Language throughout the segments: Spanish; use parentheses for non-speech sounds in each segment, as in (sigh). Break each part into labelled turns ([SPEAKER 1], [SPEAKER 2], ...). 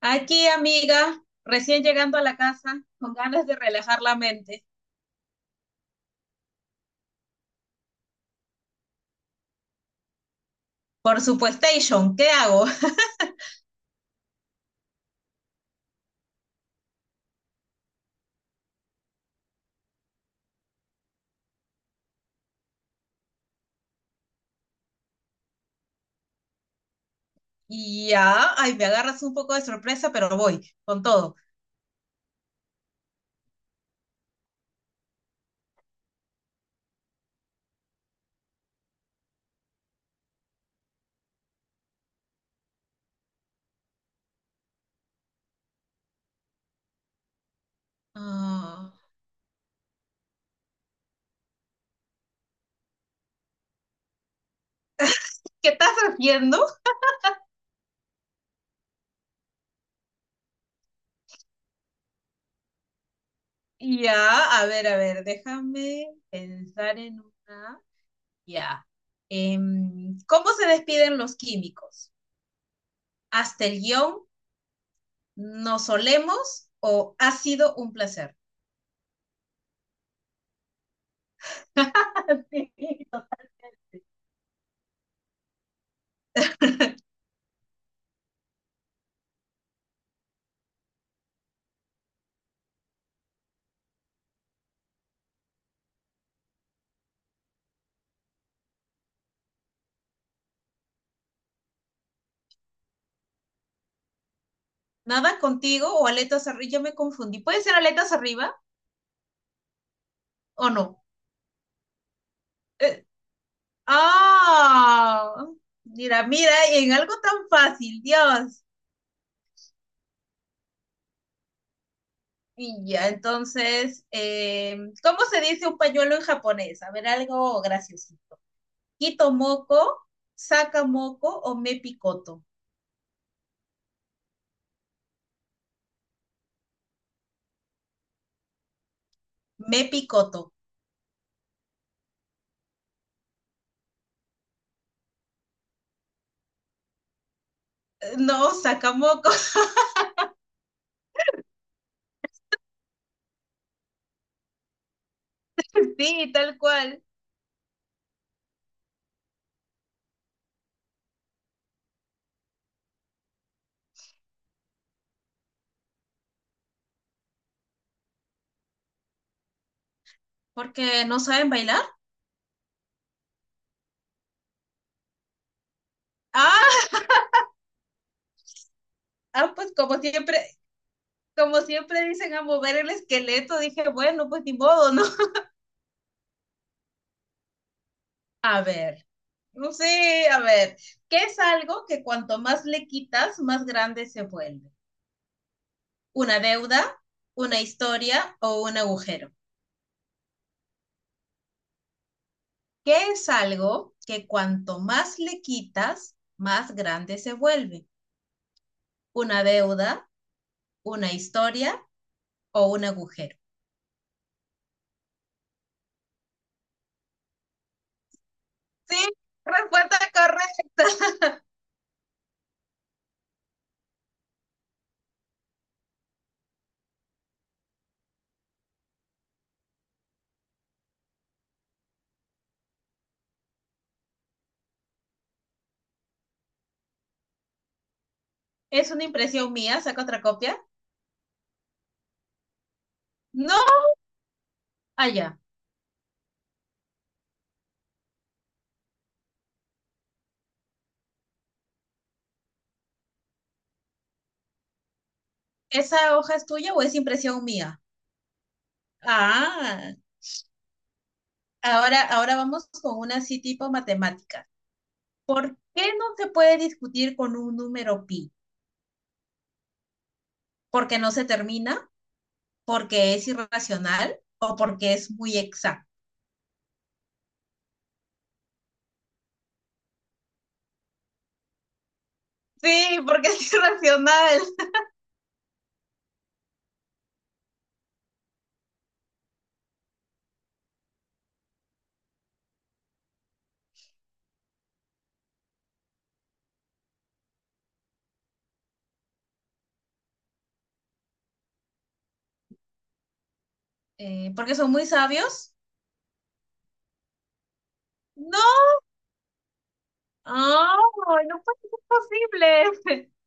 [SPEAKER 1] Aquí, amiga, recién llegando a la casa, con ganas de relajar la mente. Por supuestation, ¿qué hago? (laughs) Y ya, ay, me agarras un poco de sorpresa, pero voy, con todo. Ah, ¿qué estás haciendo? Y ya, a ver, déjame pensar en una. Ya. ¿Cómo se despiden los químicos? ¿Hasta el guión? ¿Nos solemos o ha sido un placer? (laughs) ¿Nadan contigo o aletas arriba? Ya me confundí. ¿Puede ser aletas arriba o no? Eh, ah, mira, mira, en algo tan fácil, Dios. Y ya, entonces, ¿cómo se dice un pañuelo en japonés? A ver, algo graciosito. Quito moco, saca moco o me picoto. Me picoto. No, saca moco. (laughs) Sí, tal cual. Porque no saben bailar. Ah, ah, pues como siempre dicen a mover el esqueleto, dije, bueno, pues ni modo, ¿no? A ver, no sé, a ver, ¿qué es algo que cuanto más le quitas, más grande se vuelve? ¿Una deuda, una historia o un agujero? ¿Qué es algo que cuanto más le quitas, más grande se vuelve? ¿Una deuda, una historia o un agujero? Sí, respuesta correcta. (laughs) ¿Es una impresión mía? ¿Saco otra copia? No, allá. ¿Esa hoja es tuya o es impresión mía? Ah, ahora, ahora vamos con una así tipo matemática. ¿Por qué no se puede discutir con un número pi? ¿Porque no se termina? ¿Porque es irracional? ¿O porque es muy exacto? Sí, porque es (laughs) irracional. ¿Porque son muy sabios? No. Ah, no puede ser posible. (laughs)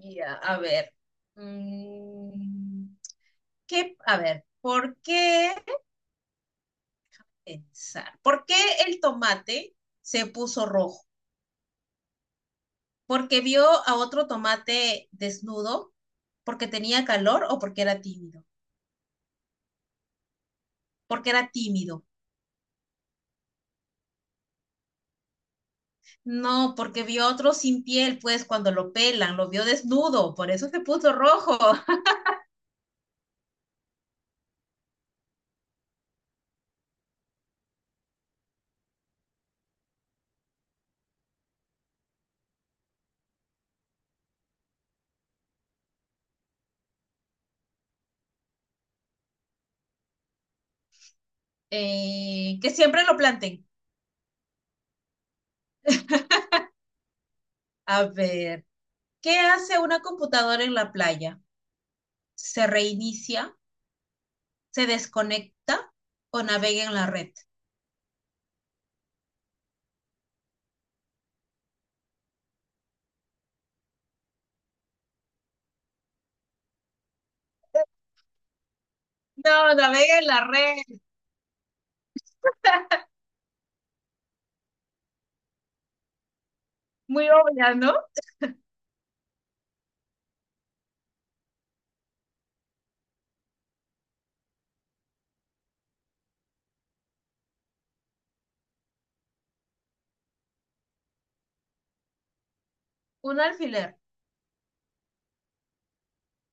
[SPEAKER 1] Ya, a ver. Mm, ¿qué? A ver, ¿por qué pensar? ¿Por qué el tomate se puso rojo? ¿Porque vio a otro tomate desnudo? ¿Porque tenía calor o porque era tímido? Porque era tímido. No, porque vio a otro sin piel, pues cuando lo pelan, lo vio desnudo, por eso se puso rojo. (laughs) Que siempre lo planten. A ver, ¿qué hace una computadora en la playa? ¿Se reinicia? ¿Se desconecta? ¿O navega en la red? No, navega en la red. Muy obvia, ¿no? Un alfiler.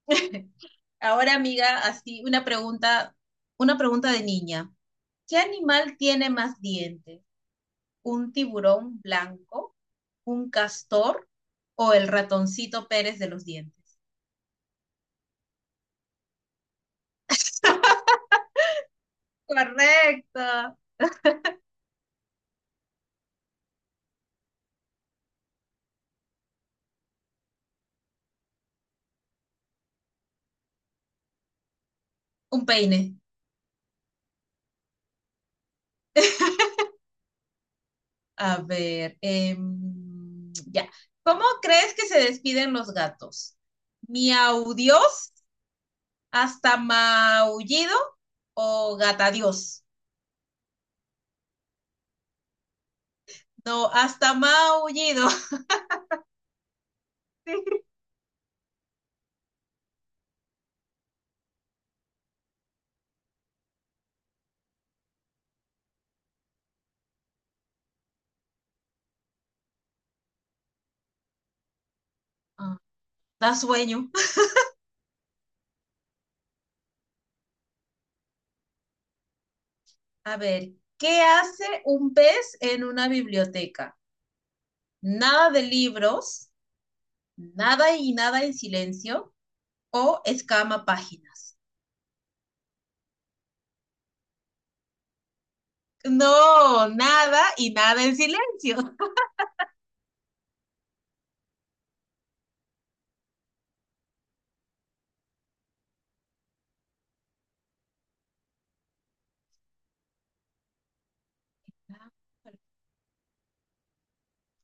[SPEAKER 1] (laughs) Ahora, amiga, así una pregunta de niña. ¿Qué animal tiene más dientes? ¿Un tiburón blanco, un castor o el ratoncito Pérez de los dientes? Correcto. Un peine. A ver, ya. ¿Cómo crees que se despiden los gatos? ¿Miau Dios? ¿Hasta maullido o gata Dios? No, hasta maullido. (laughs) Da sueño. A ver, ¿qué hace un pez en una biblioteca? Nada de libros, nada y nada en silencio o escama páginas. No, nada y nada en silencio.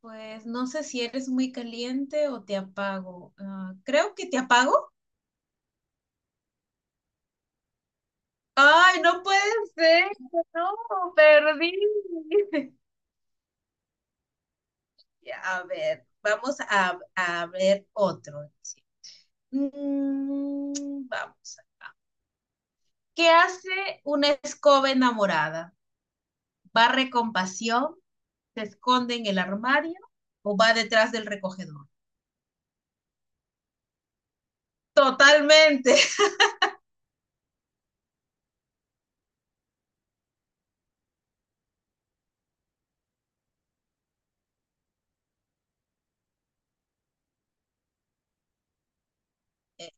[SPEAKER 1] Pues no sé si eres muy caliente o te apago. Ah, creo que te apago. Ay, no puede ser. No, perdí. (laughs) A ver, vamos a ver otro. Mm, vamos. ¿Qué hace una escoba enamorada? ¿Barre con pasión? ¿Se esconde en el armario? ¿O va detrás del recogedor? Totalmente. (laughs)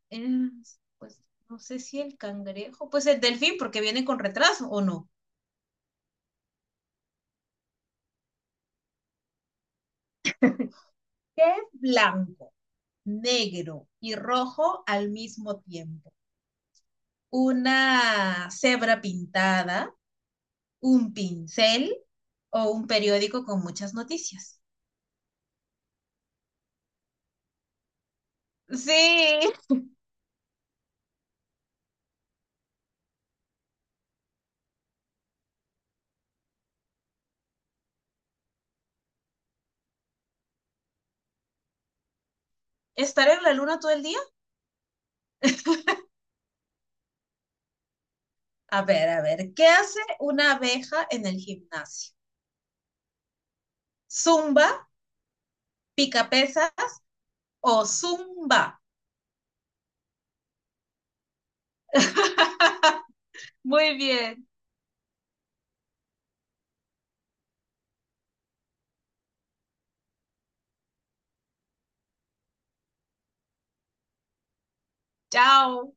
[SPEAKER 1] Eh, pues no sé si el cangrejo, pues el delfín, porque viene con retraso o no. ¿Qué es blanco, negro y rojo al mismo tiempo? ¿Una cebra pintada? ¿Un pincel? ¿O un periódico con muchas noticias? Sí. ¿Estar en la luna todo el día? A ver, ¿qué hace una abeja en el gimnasio? ¿Zumba, pica pesa o zumba? (laughs) Muy bien, chao.